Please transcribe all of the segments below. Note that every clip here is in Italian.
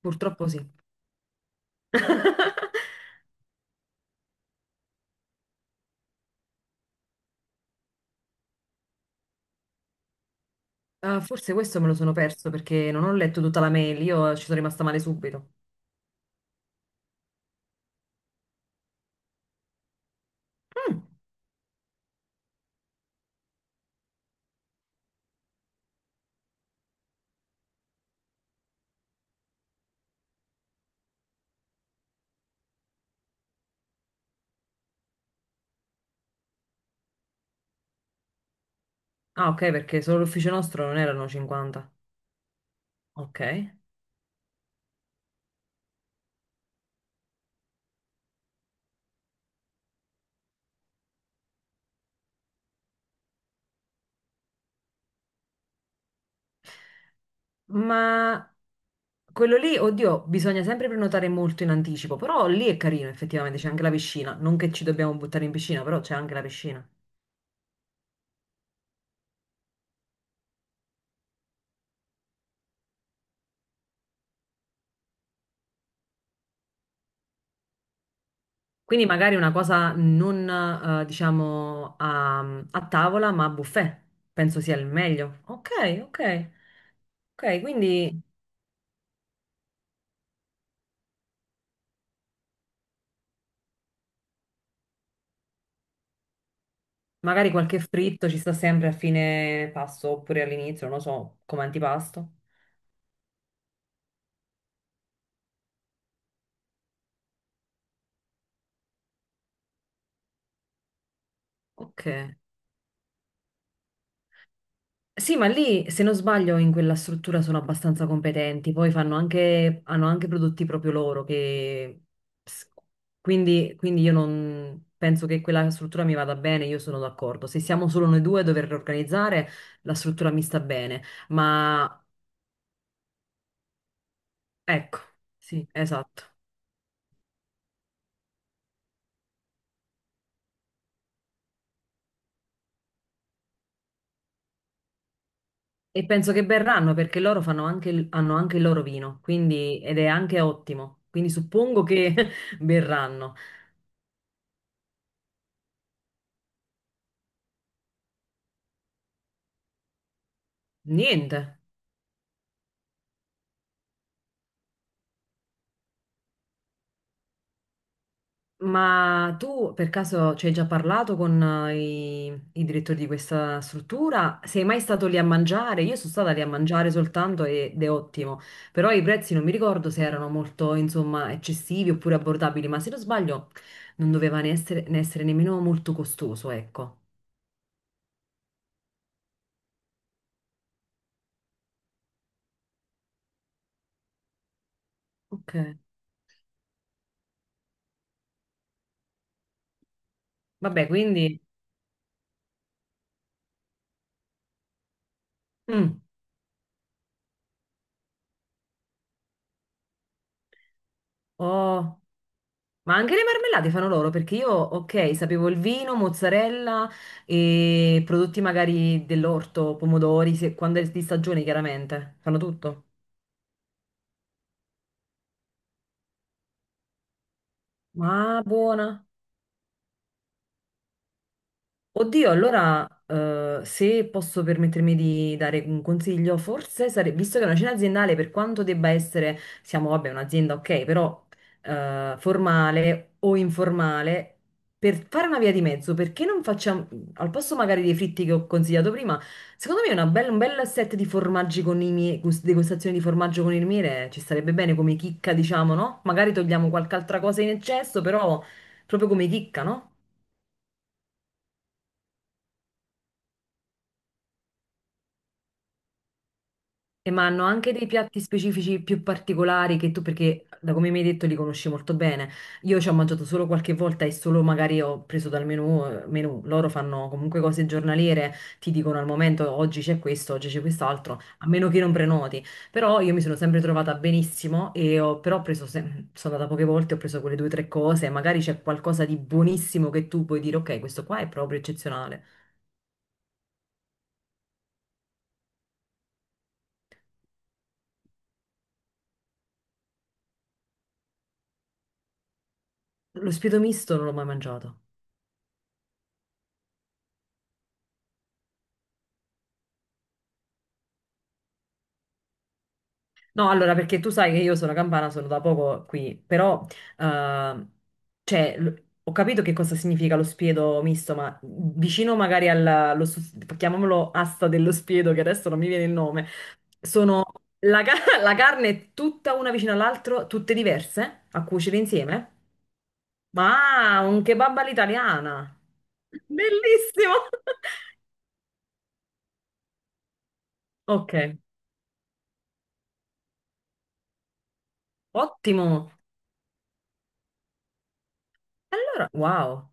Purtroppo sì. Ah, forse questo me lo sono perso perché non ho letto tutta la mail, io ci sono rimasta male subito. Mm. Ah, ok, perché solo l'ufficio nostro non erano 50. Ok. Ma quello lì, oddio, bisogna sempre prenotare molto in anticipo, però lì è carino, effettivamente, c'è anche la piscina. Non che ci dobbiamo buttare in piscina, però c'è anche la piscina. Quindi magari una cosa non, diciamo, a tavola, ma a buffet. Penso sia il meglio. Ok, ok. Ok, quindi... Magari qualche fritto ci sta sempre a fine pasto oppure all'inizio, non lo so, come antipasto. Ok. Sì, ma lì, se non sbaglio, in quella struttura sono abbastanza competenti. Poi fanno anche, hanno anche prodotti proprio loro che... Quindi io non penso che quella struttura mi vada bene, io sono d'accordo. Se siamo solo noi due a dover organizzare, la struttura mi sta bene. Ma ecco, sì, esatto. E penso che berranno perché loro fanno anche il- hanno anche il loro vino, quindi, ed è anche ottimo. Quindi suppongo che berranno. Niente, ma tu per caso ci hai già parlato con i direttori di questa struttura? Sei mai stato lì a mangiare? Io sono stata lì a mangiare soltanto ed è ottimo, però i prezzi non mi ricordo se erano molto, insomma, eccessivi oppure abbordabili, ma se non sbaglio non doveva ne essere nemmeno molto costoso, ecco. Ok, vabbè, quindi... mm. Oh, ma anche le marmellate fanno loro perché io, ok, sapevo il vino, mozzarella e prodotti magari dell'orto, pomodori, se- quando è di stagione chiaramente, fanno tutto. Ma buona. Oddio, allora, se posso permettermi di dare un consiglio, forse sarebbe, visto che è una cena aziendale, per quanto debba essere, siamo, vabbè, un'azienda, ok, però formale o informale, per fare una via di mezzo, perché non facciamo, al posto magari dei fritti che ho consigliato prima, secondo me una bella- un bel set di formaggi con i miei, gust- degustazioni di formaggio con il miele ci starebbe bene come chicca, diciamo, no? Magari togliamo qualche altra cosa in eccesso, però proprio come chicca, no? E ma hanno anche dei piatti specifici più particolari che tu, perché da come mi hai detto li conosci molto bene. Io ci ho mangiato solo qualche volta e solo magari ho preso dal menù, menù. Loro fanno comunque cose giornaliere, ti dicono al momento oggi c'è questo, oggi c'è quest'altro, a meno che non prenoti. Però io mi sono sempre trovata benissimo e ho, però ho preso, se- sono andata poche volte, ho preso quelle due o tre cose, magari c'è qualcosa di buonissimo che tu puoi dire, ok, questo qua è proprio eccezionale. Lo spiedo misto non l'ho mai mangiato. No, allora, perché tu sai che io sono campana, sono da poco qui, però, eh, cioè, l- ho capito che cosa significa lo spiedo misto, ma vicino magari al, lo sus- chiamiamolo asta dello spiedo, che adesso non mi viene il nome, sono, la, ca- la carne è tutta una vicino all'altra, tutte diverse, a cuocere insieme? Ma un kebab all'italiana! Bellissimo! Ok, ottimo! Allora, wow!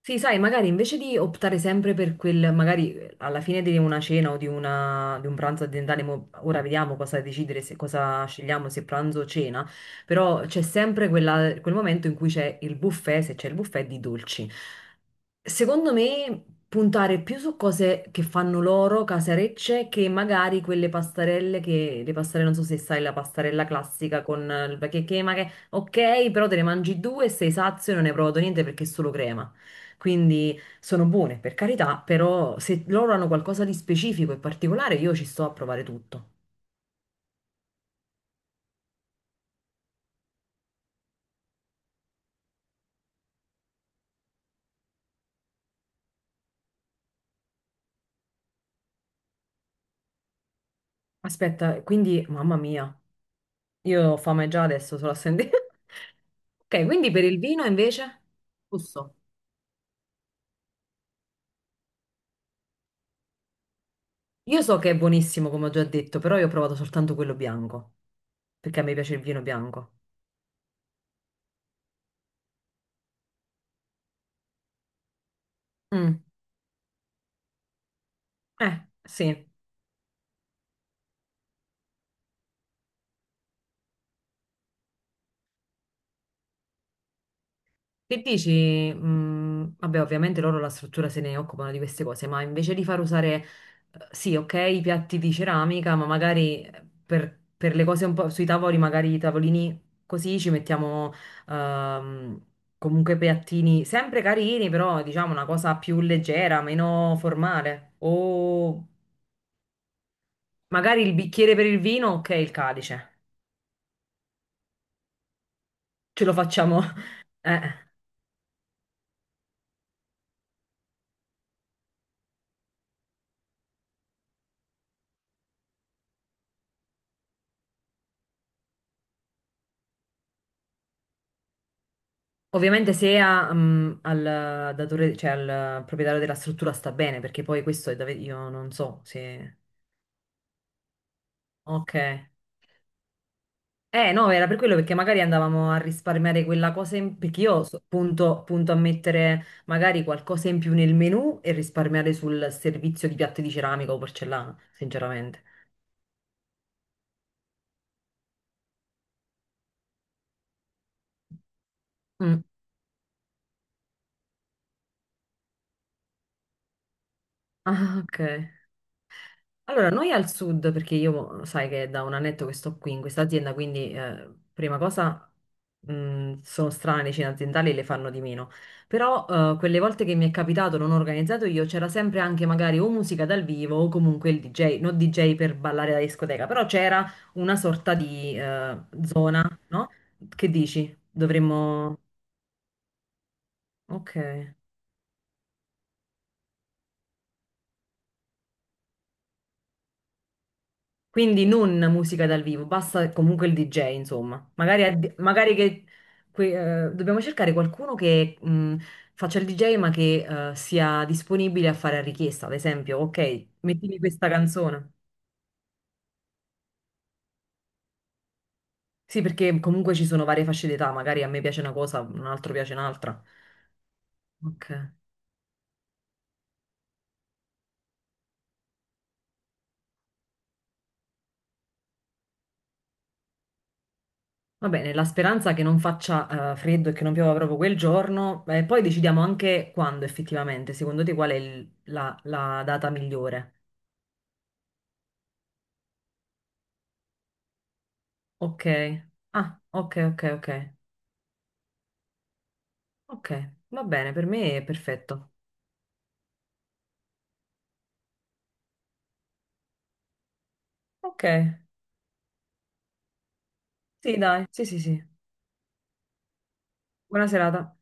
Sì, sai, magari invece di optare sempre per quel, magari alla fine di una cena o di, una- di un pranzo aziendale, mo- ora vediamo cosa decidere, se, cosa scegliamo, se pranzo o cena, però c'è sempre quella- quel momento in cui c'è il buffet, se c'è il buffet di dolci. Secondo me puntare più su cose che fanno loro, casarecce, che magari quelle pastarelle che, le pastarelle, non so se sai, la pastarella classica con il che, ma che, ok, però te ne mangi due e sei sazio e non hai provato niente perché è solo crema. Quindi sono buone, per carità, però se loro hanno qualcosa di specifico e particolare, io ci sto a provare tutto. Aspetta, quindi, mamma mia, io ho fame già adesso solo a sentire. Ok, quindi per il vino invece, Rosso. Io so che è buonissimo, come ho già detto, però io ho provato soltanto quello bianco, perché a me piace il vino bianco. Mm, eh, sì. Che dici? Vabbè, ovviamente loro la struttura se ne occupano di queste cose, ma invece di far usare, sì, ok, i piatti di ceramica, ma magari per le cose un po' sui tavoli, magari i tavolini così ci mettiamo ehm, comunque piattini sempre carini, però diciamo una cosa più leggera, meno formale. O magari il bicchiere per il vino, ok, il calice. Ce lo facciamo. Eh. Ovviamente se al datore, cioè al proprietario della struttura sta bene, perché poi questo è da ve- io non so se... Ok. Eh no, era per quello perché magari andavamo a risparmiare quella cosa in... perché io so- punto, punto a mettere magari qualcosa in più nel menù e risparmiare sul servizio di piatti di ceramica o porcellana, sinceramente. Mm. Ah, ok. Allora, noi al sud, perché io sai che è da un annetto che sto qui in questa azienda, quindi prima cosa sono strane le cene aziendali e le fanno di meno. Però quelle volte che mi è capitato, non ho organizzato io, c'era sempre anche magari o musica dal vivo o comunque il DJ, non DJ per ballare da discoteca, però c'era una sorta di zona, no? Che dici? Dovremmo... Ok. Quindi non musica dal vivo, basta comunque il DJ, insomma. Magari, addi- magari che que- dobbiamo cercare qualcuno che faccia il DJ ma che sia disponibile a fare a richiesta. Ad esempio, ok, mettimi questa canzone. Sì, perché comunque ci sono varie fasce d'età, magari a me piace una cosa, un altro piace un'altra. Ok. Va bene, la speranza che non faccia freddo e che non piova proprio quel giorno, poi decidiamo anche quando effettivamente, secondo te qual è il- la la data migliore? Ok. Ah, ok, ok, ok. Ok, va bene, per me è perfetto. Ok, sì, dai, sì, sì, sì. Buona serata.